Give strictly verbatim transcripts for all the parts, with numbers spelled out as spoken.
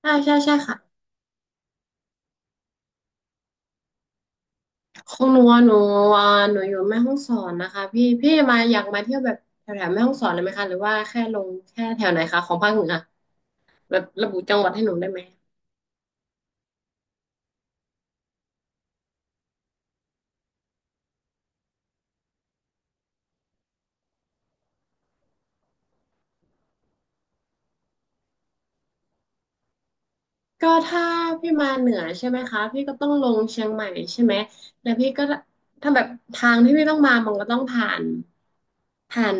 ใช่ใช่ใช่ค่ะของหนูอะหนูอ่าหนูอยู่แม่ฮ่องสอนนะคะพี่พี่มาอยากมาเที่ยวแบบแถวแถวแม่ฮ่องสอนเลยไหมคะหรือว่าแค่ลงแค่แถวไหนคะของภาคเหนือแบบระบุจังหวัดให้หนูได้ไหม ก็ถ้าพี่มาเหนือใช่ไหมคะพี่ก็ต้องลงเชียงใหม่ใช่ไหมแล้วพี่ก็ถ้าแบบทางที่พี่ต้องมามันก็ต้องผ่านผ่าน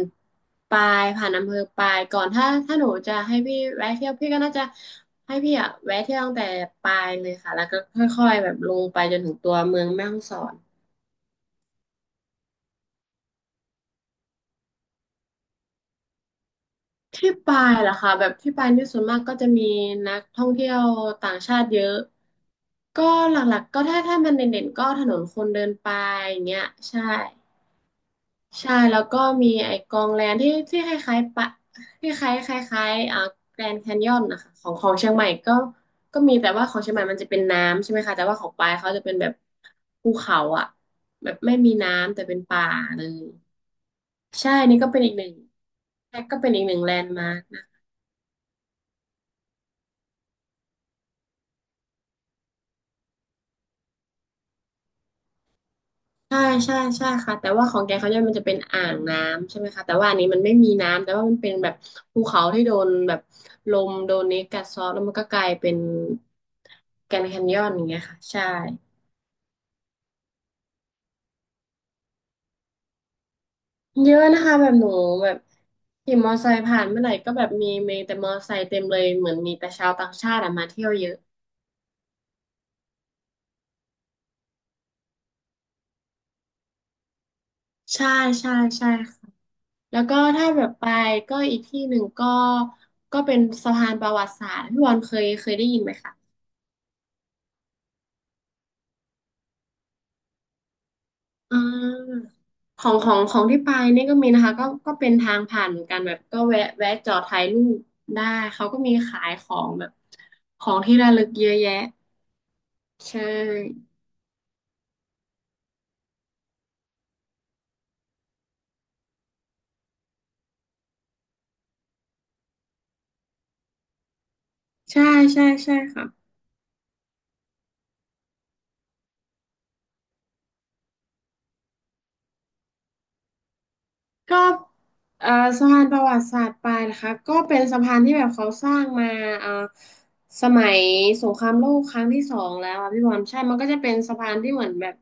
ปายผ่านอำเภอปายก่อนถ้าถ้าหนูจะให้พี่แวะเที่ยวพี่ก็น่าจะให้พี่อะแวะเที่ยวตั้งแต่ปายเลยค่ะแล้วก็ค่อยๆแบบลงไปจนถึงตัวเมืองแม่ฮ่องสอนที่ปายเหรอคะแบบที่ปายนี่ส่วนมากก็จะมีนักท่องเที่ยวต่างชาติเยอะก็หลักๆก็ถ้าถ้ามันเด่นๆก็ถนนคนเดินปายอย่างเงี้ยใช่ ใช่แล้วก็มีไอ้กองแลนที่ที่คล้ายๆปะที่คล้ายคล้ายๆอ่าแกรนด์แคนยอนนะคะของของเชียงใหม่ก็ก็มีแต่ว่าของเชียงใหม่มันจะเป็นน้ำใช่ไหมคะแต่ว่าของปายเขาจะเป็นแบบภูเขาอ่ะแบบไม่มีน้ำแต่เป็นป่าเลยใช่นี่ก็เป็นอีกหนึ่งก็เป็นอีกหนึ่งแลนด์มาร์ค ใช่ใช่ใช่ค่ะแต่ว่าของแกเขาเนี่ยมันจะเป็นอ่างน้ำใช่ไหมคะแต่ว่าอันนี้มันไม่มีน้ำแต่ว่ามันเป็นแบบภูเขาที่โดนแบบลมโดนเนสกัดเซาะแล้วมันก็กลายเป็นแกรนด์แคนยอนอย่างเงี้ยค่ะใช่เยอะนะคะแบบหนูแบบขี่มอไซค์ผ่านเมื่อไหร่ก็แบบมีมีแต่มอไซค์เต็มเลยเหมือนมีแต่ชาวต่างชาติอะมาเที่ยวเยอะใช่ใช่ใช่ค่ะแล้วก็ถ้าแบบไปก็อีกที่หนึ่งก็ก็เป็นสะพานประวัติศาสตร์พี่บอลเคยเคยได้ยินไหมคะ อ่าของของของที่ไปนี่ก็มีนะคะก็ก็เป็นทางผ่านเหมือนกันแบบก็แวะแวะจอดถ่ายรูปได้เขาก็มีขายของแบบของที่ระลึกเยอะแยะใช่ใช่ใช่ใช่ค่ะก็เอ่อสะพานประวัติศาสตร์ปลายนะคะก็เป็นสะพานที่แบบเขาสร้างมาเอ่อสมัยสงครามโลกครั้งที่สองแล้วอะพี่บอลใช่มันก็จะเป็นสะพานที่เหมือนแบบ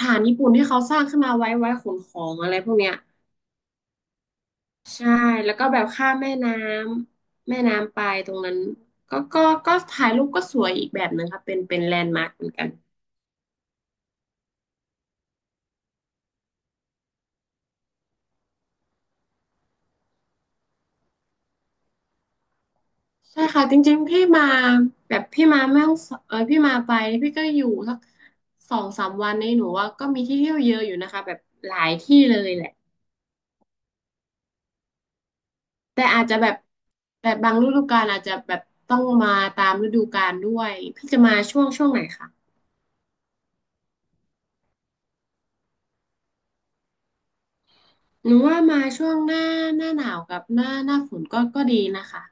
ฐานญี่ปุ่นที่เขาสร้างขึ้นมาไว้ไว้ขนของอะไรพวกเนี้ย ใช่แล้วก็แบบข้ามแม่น้ำแม่น้ำไปตรงนั้นก็ก็ก็ถ่ายรูปก็สวยอีกแบบหนึ่งค่ะเป็นเป็นแลนด์มาร์คเหมือนกันใช่ค่ะจริงๆพี่มาแบบพี่มาแม่ฮ่องสเออพี่มาไปพี่ก็อยู่สักสองสามวันนี้หนูว่าก็มีที่เที่ยวเยอะอยู่นะคะแบบหลายที่เลยแหละแต่อาจจะแบบแบบบางฤดูกาลอาจจะแบบต้องมาตามฤดูกาลด้วยพี่จะมาช่วงช่วงไหนคะ หนูว่ามาช่วงหน้าหน้าหนาวกับหน้าหน้าฝนก็ก็ดีนะคะ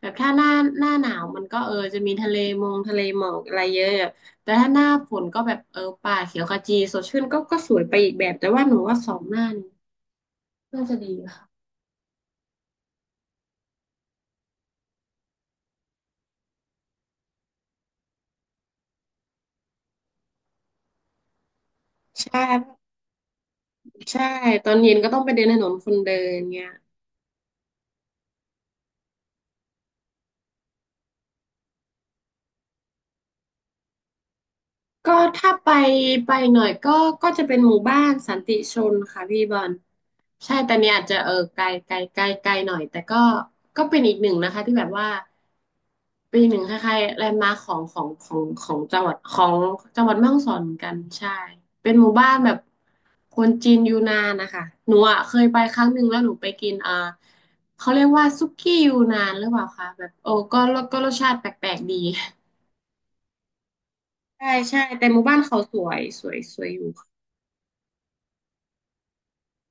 แบบถ้าหน้าหน้าหนาวมันก็เออจะมีทะเลมงทะเลหมอกอะไรเยอะอะแต่ถ้าหน้าฝนก็แบบเออป่าเขียวขจีสดชื่นก็ก็สวยไปอีกแบบแต่ว่าหนูว่าสองหน้านี้น่าจะดีค่ะใช่ใช่ตอนเย็นก็ต้องไปเดินถนนคนเดินเงี้ย ก็ถ้าไปไปหน่อยก็ก็จะเป็นหมู่บ้านสันติชนค่ะพี่บอลใช่แต่เนี่ยอาจจะเออไกลไกลไกลไกลหน่อยแต่ก็ก็เป็นอีกหนึ่งนะคะที่แบบว่าเป็นอีกหนึ่งคล้ายๆแลนด์มาร์คของของของของจังหวัดของจังหวัดแม่ฮ่องสอนเหมือนกันใช่เป็นหมู่บ้านแบบคนจีนยูนานนะคะหนูอ่ะเคยไปครั้งหนึ่งแล้วหนูไปกินอ่าเขาเรียกว่าซุกี้ยูนานหรือเปล่าคะแบบโอ้ก็ก็รสชาติแปลกๆดี ใช่ใช่แต่หมู่บ้านเขาสวยสวยสวยอยู่ค่ะ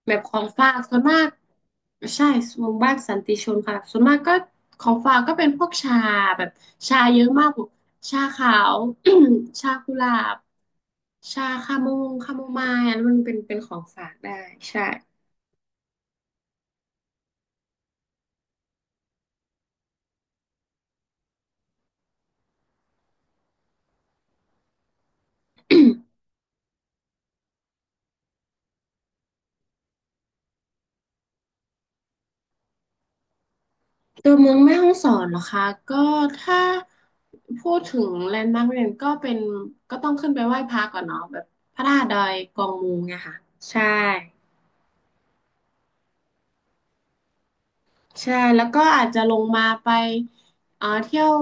แบบของฝากส่วนมากใช่หมู่บ้านสันติชนค่ะส่วนมากก็ของฝากก็เป็นพวกชาแบบชาเยอะมากพวก ชาขาว ชากุหลาบชาคาโมงคาโมไมล์อันนั้นมันเป็นเป็นของฝากได้ใช่ ตัวเมืองแม่ฮ่องสอนเหรอคะก็ถ้าพูดถึงแลนด์มาร์กเรียนก็เป็นก็ต้องขึ้นไปไหว้พระก่อนเนาะแบบพระธาตุดอยกองมูไงค่ะใช่ ใช่แล้วก็อาจจะลงมาไปเอ่อเที่ยว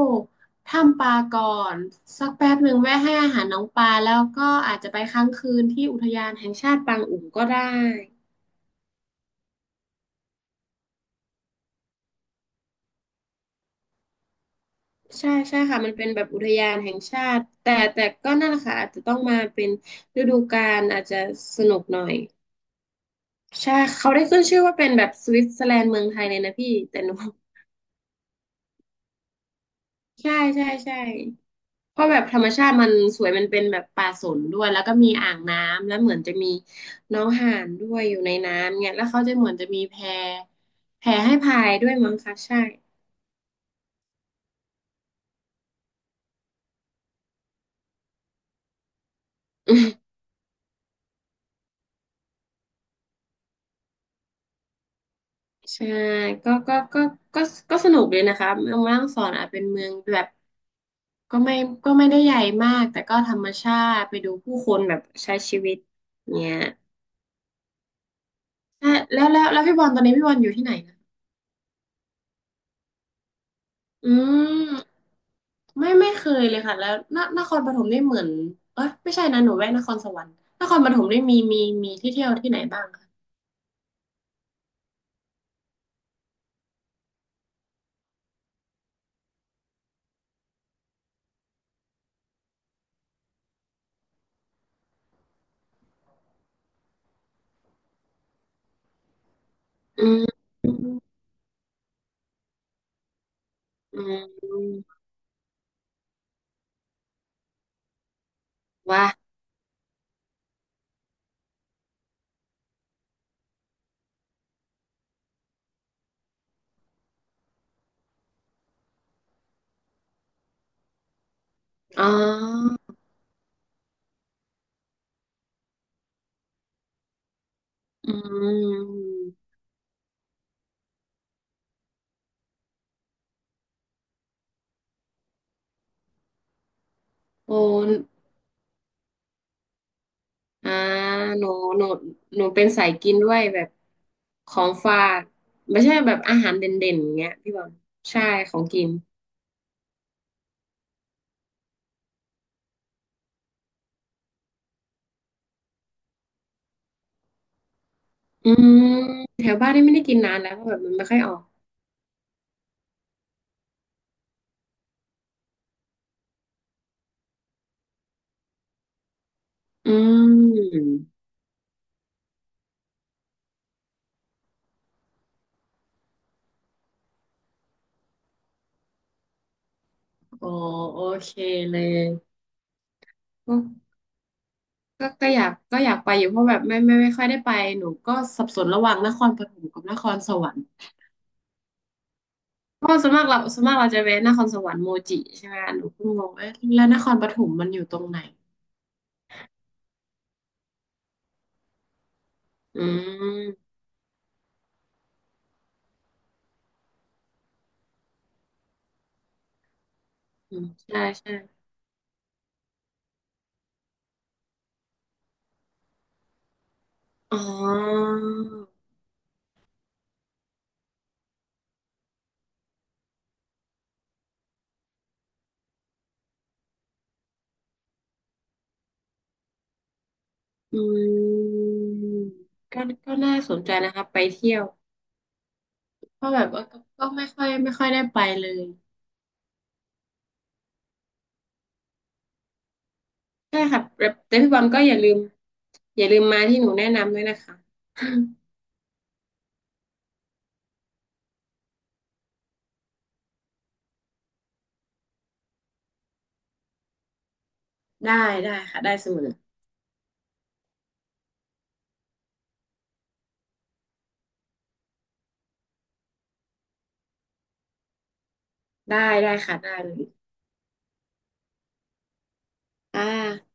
ถ้ำปลาก่อนสักแป๊บหนึ่งแวะให้อาหารน้องปลาแล้วก็อาจจะไปค้างคืนที่อุทยานแห่งชาติปางอุ๋งก็ได้ใช่ใช่ค่ะมันเป็นแบบอุทยานแห่งชาติแต่แต่ก็นั่นแหละค่ะอาจจะต้องมาเป็นฤดูกาลอาจจะสนุกหน่อยใช่เขาได้ขึ้นชื่อว่าเป็นแบบสวิตเซอร์แลนด์เมืองไทยเลยนะพี่แต่หนู ใช่ใช่ใช่ เพราะแบบธรรมชาติมันสวยมันเป็นแบบป่าสนด้วยแล้วก็มีอ่างน้ำแล้วเหมือนจะมีน้องห่านด้วยอยู่ในน้ำเนี่ยแล้วเขาจะเหมือนจะมีแพแพให้พายด้วยมั้งคะใช่ ใช่ก็ก็ก็ก็ก็สนุกเลยนะคะเมืองแม่ฮ่องสอนอาจเป็นเมืองแบบก็ไม่ก็ไม่ได้ใหญ่มากแต่ก็ธรรมชาติไปดูผู้คนแบบใช้ชีวิตเนี่ยแล้วแล้วแล้วพี่บอลตอนนี้พี่บอลอยู่ที่ไหนนะ อืมไม่ไม่เคยเลยค่ะแล้วนนครปฐมนี่เหมือนเอ้ยไม่ใช่นะหนูแวะนครสวรรค์นครปฐมนี่มีมีมีที่เที่ยวที่ไหนบ้างคะอืมอืมว่าอ๋ออืมโอ้อ่าหนูหนูหนูเป็นสายกินด้วยแบบของฝากไม่ใช่แบบอาหารเด่นๆอย่างเงี้ยพี่บอลใช่ของกินอืมแถวบ้านนี่ไม่ได้กินนานแล้วเพราะแบบมันไม่ค่อยออกอืม อ๋อโอเคเลยก็ก็ก็อยากก็อยากไปอยู่เพราะแบบไม่ไม่ไม่ค่อยได้ไปหนูก็สับสนระหว่างนครปฐมกับนครสวรรค์เพราะว่าส่วนมากเราส่วนมากเราจะแวะนครสวรรค์โมจิใช่ไหมหนูเพ่งงเอ๊ะแล้วนครปฐมมันอยู่ตรงไหนอืมอืมใช่ใช่อ๋ออืมก็ก็น่าสนใจนะคะไปเที่ยวเพราะแบบว่าก็ก็ไม่ค่อยไม่ค่อยได้ไปเลย ใช่ค่ะแต่แต่พี่บอมก็อย่าลืมอย่าลืมมาที่หนูแนะนำด้วยนะคะ ได้ได้ค่ะได้เสมอได้ได้ค่ะได้เลยอ่า